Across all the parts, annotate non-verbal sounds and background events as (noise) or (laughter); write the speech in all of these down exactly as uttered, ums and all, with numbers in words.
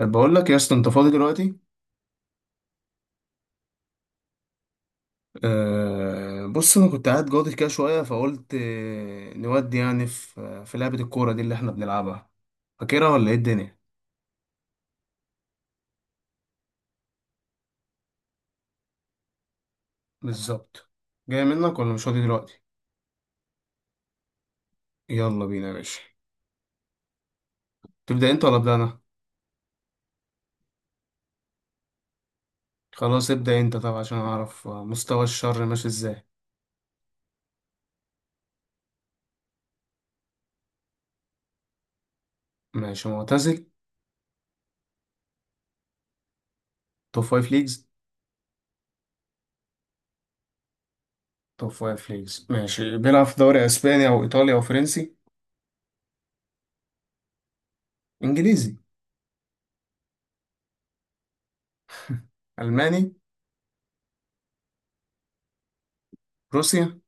بقول لك يا اسطى، انت فاضي دلوقتي؟ أه بص انا كنت قاعد جاضي كده شويه، فقلت آه، نودي يعني في في لعبه الكوره دي اللي احنا بنلعبها. فاكرها ولا ايه الدنيا؟ بالظبط. جاي منك ولا مش فاضي دلوقتي؟ يلا بينا يا باشا. تبدا انت ولا ابدا انا؟ خلاص، ابدا انت طبعا عشان اعرف آه، مستوى الشر ماشي ازاي. ماشي. معتزل؟ توب فايف ليجز. توب فايف ليجز. ماشي، بيلعب في دوري اسباني او ايطالي او فرنسي؟ انجليزي؟ الماني؟ روسيا؟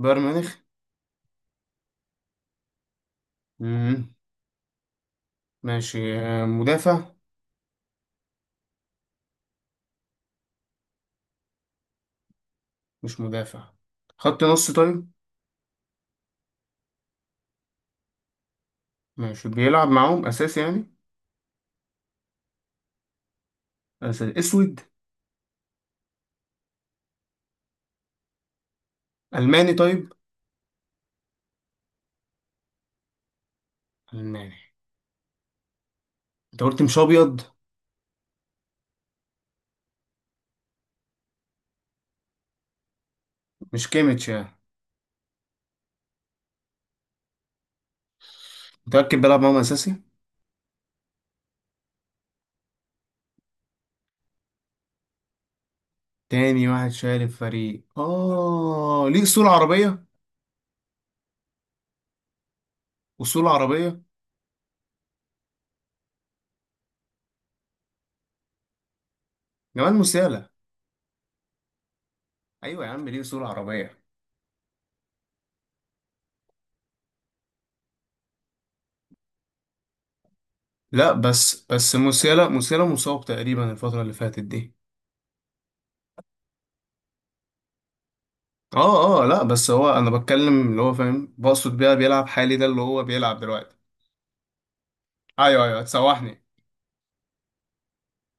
بايرن ميونخ؟ مم. ماشي. آه، مدافع؟ مش مدافع. خط نص؟ طيب. ماشي بيلعب معاهم اساسي يعني؟ أساسي. اسود؟ الماني؟ طيب. الماني. انت قلت مش ابيض. مش كيميتش يعني؟ متاكد بيلعب معاهم اساسي؟ تاني واحد شارك فريق. اه، ليه اصول عربيه؟ اصول عربيه. جمال موسيالا؟ ايوه يا عم، ليه اصول عربيه. لا، بس بس موسيالا موسيالا مصاب تقريبا الفتره اللي فاتت دي. اه اه، لا بس هو انا بتكلم اللي هو فاهم، بقصد بيها بيلعب حالي ده اللي هو بيلعب دلوقتي. ايوه ايوه، هتسوحني.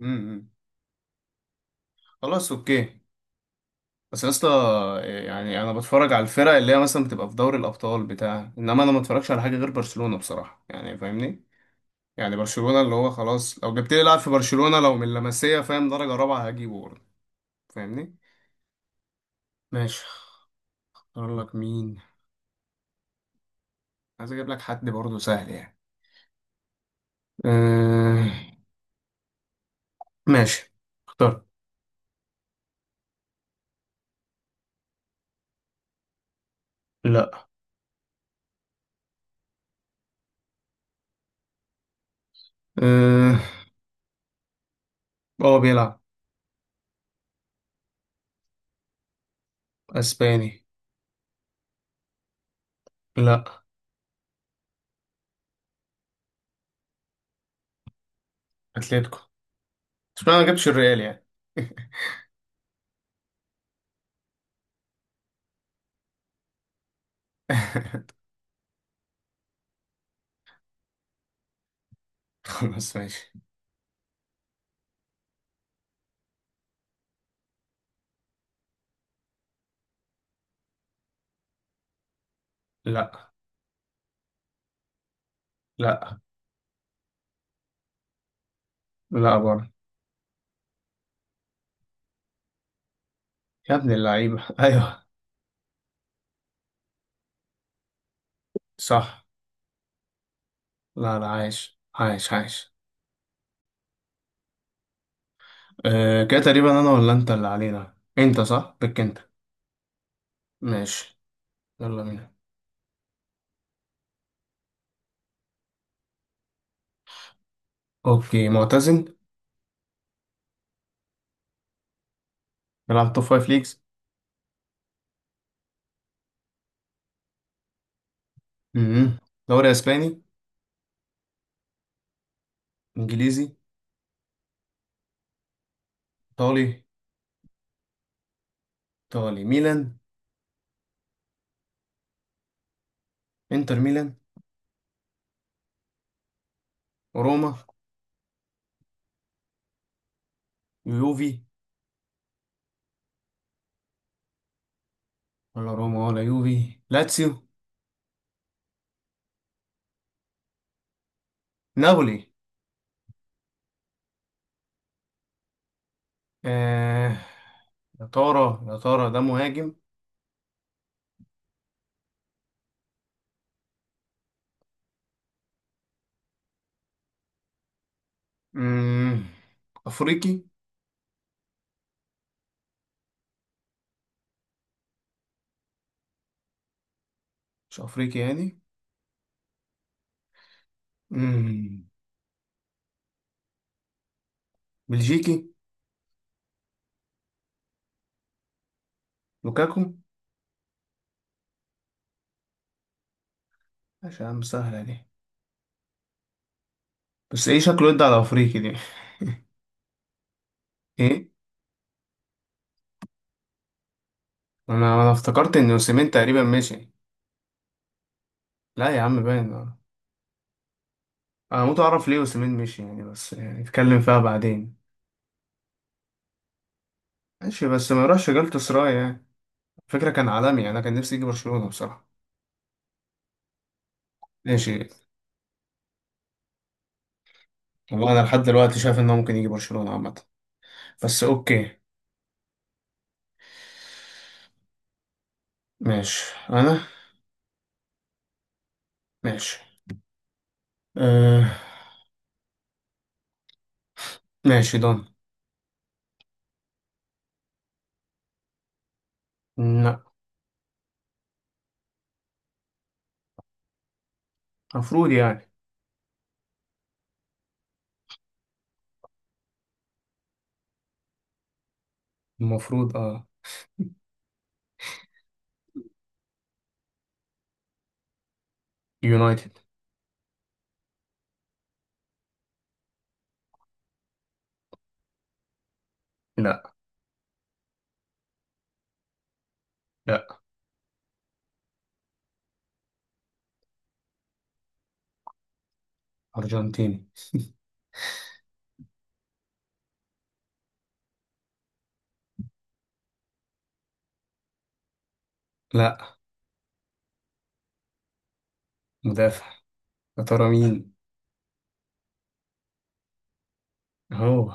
امم، امم. خلاص، اوكي. بس يا اسطى، يعني انا بتفرج على الفرق اللي هي مثلا بتبقى في دوري الابطال بتاع، انما انا ما اتفرجش على حاجه غير برشلونه بصراحه يعني. فاهمني؟ يعني برشلونه، اللي هو خلاص لو جبت لي لاعب في برشلونه لو من لمسيه، فاهم، درجه رابعه هجيبه برضه. فاهمني؟ ماشي. اختار لك مين؟ عايز اجيب لك حد برضه سهل يعني. أه... ماشي. اختار. لا. أه... هو بيلعب. اسباني. لا. اتلتيكو. اشمعنى ما جبتش الريال يعني؟ (laughs) (laughs) بس ماشي. لا. لا لا، برضه. يا ابن اللعيبة! (laughs) ايوه. صح. لا لا، عايش عايش عايش. أه كده تقريبا انا ولا انت اللي علينا؟ انت صح، بك انت. ماشي. يلا بينا. اوكي. معتزل؟ بيلعب توب فايف ليجز؟ امم. دوري اسباني؟ انجليزي؟ ايطالي؟ ايطالي. ميلان؟ انتر ميلان؟ روما؟ يوفي؟ ولا روما ولا يوفي. لاتسيو؟ نابولي؟ آه. يا ترى، يا ترى ده مهاجم؟ مم. افريقي؟ مش افريقي يعني؟ مم. بلجيكي؟ لوكاكو؟ ماشي يا عم، سهلة دي. بس ايه شكله يدي على افريقي دي؟ ايه؟ انا انا افتكرت ان اوسيمين تقريبا مشي. لا يا عم، باين آه. انا هموت اعرف ليه اوسيمين مشي يعني، بس يعني نتكلم فيها بعدين. ماشي، بس ما يروحش جالت سراي يعني. فكرة كان عالمي يعني، انا كان نفسي يجي برشلونة بصراحة. ماشي. والله انا لحد دلوقتي شايف انه ممكن يجي برشلونة عامة. بس اوكي. ماشي. انا. ماشي. أه... ماشي. دون؟ لا. المفروض يعني. المفروض اه. يونايتد. لا. لا. أرجنتيني. لا. مدافع. يا ترى مين؟ هو.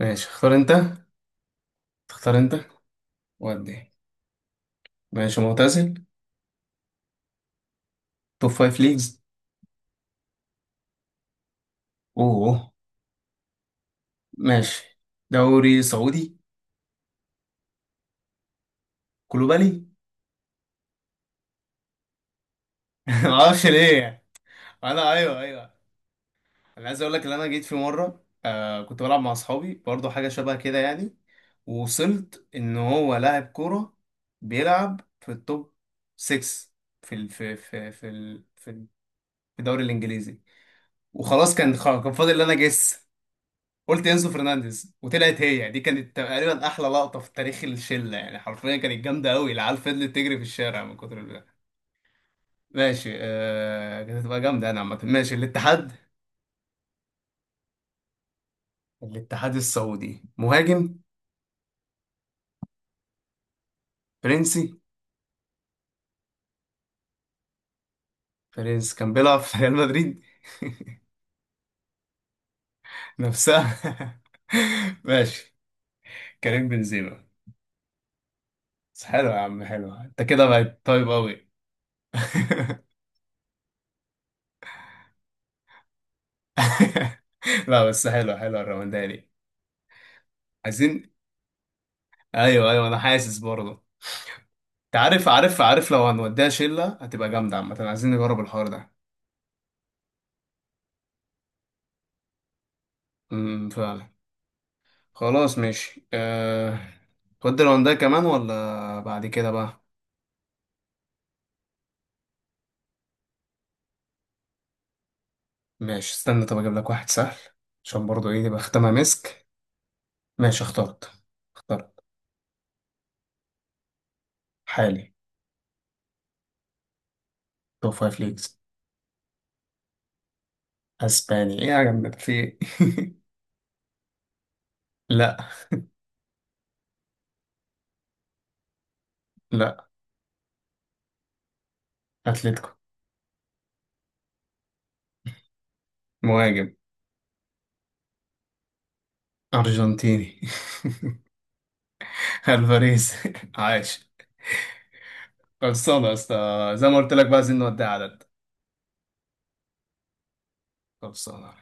ماشي اختار انت. تختار انت. ودي. ماشي. معتزل؟ توب فايف ليجز؟ اوه. ماشي. دوري سعودي؟ كلوبالي؟ (laughs) معرفش ليه. انا. ايوه ايوه. انا عايز اقول لك ان انا جيت في مره، آه كنت بلعب مع اصحابي برضو حاجه شبه كده يعني. ووصلت ان هو لاعب كوره. بيلعب في التوب ستة في ال في في في ال في ال- في الدوري الانجليزي. وخلاص كان خلاص كان فاضل ان انا جس. قلت انزو فرنانديز وطلعت هي دي. كانت تقريبا احلى لقطه في تاريخ الشله يعني، حرفيا كانت جامده قوي، العيال فضلت تجري في الشارع من كتر البتاع. ماشي آه كانت هتبقى جامده، انا عامه. ماشي، الاتحاد؟ الاتحاد السعودي. مهاجم؟ فرنسي؟ بيريز كان بيلعب في ريال مدريد. (laughs) نفسها. (laughs) ماشي. كريم بنزيما. بس حلو يا عم، حلو انت كده، بقت طيب قوي. (laughs) لا بس حلو حلو، الرونداني دي. عايزين. ايوه ايوه، انا حاسس برضه. انت عارف عارف عارف، لو هنوديها شله هتبقى جامده عامه، عايزين نجرب الحوار ده. امم، فعلا. خلاص ماشي. أه... تودي الرونداني كمان ولا بعد كده بقى؟ ماشي، استنى طب اجيب لك واحد سهل. عشان برضه ايه، تبقى ختامها مسك. ماشي اخترت. اخترت. حالي. توب فايف ليجز. اسباني؟ ايه يا جماعة في إيه؟ (laughs) لا. لا. اتلتيكو. مهاجم. ارجنتيني. (laughs) الفاريز! (laughs) عاش. خلصانه يا اسطى. زي ما قلت لك بقى، عايزين نودي عدد. خلصانه.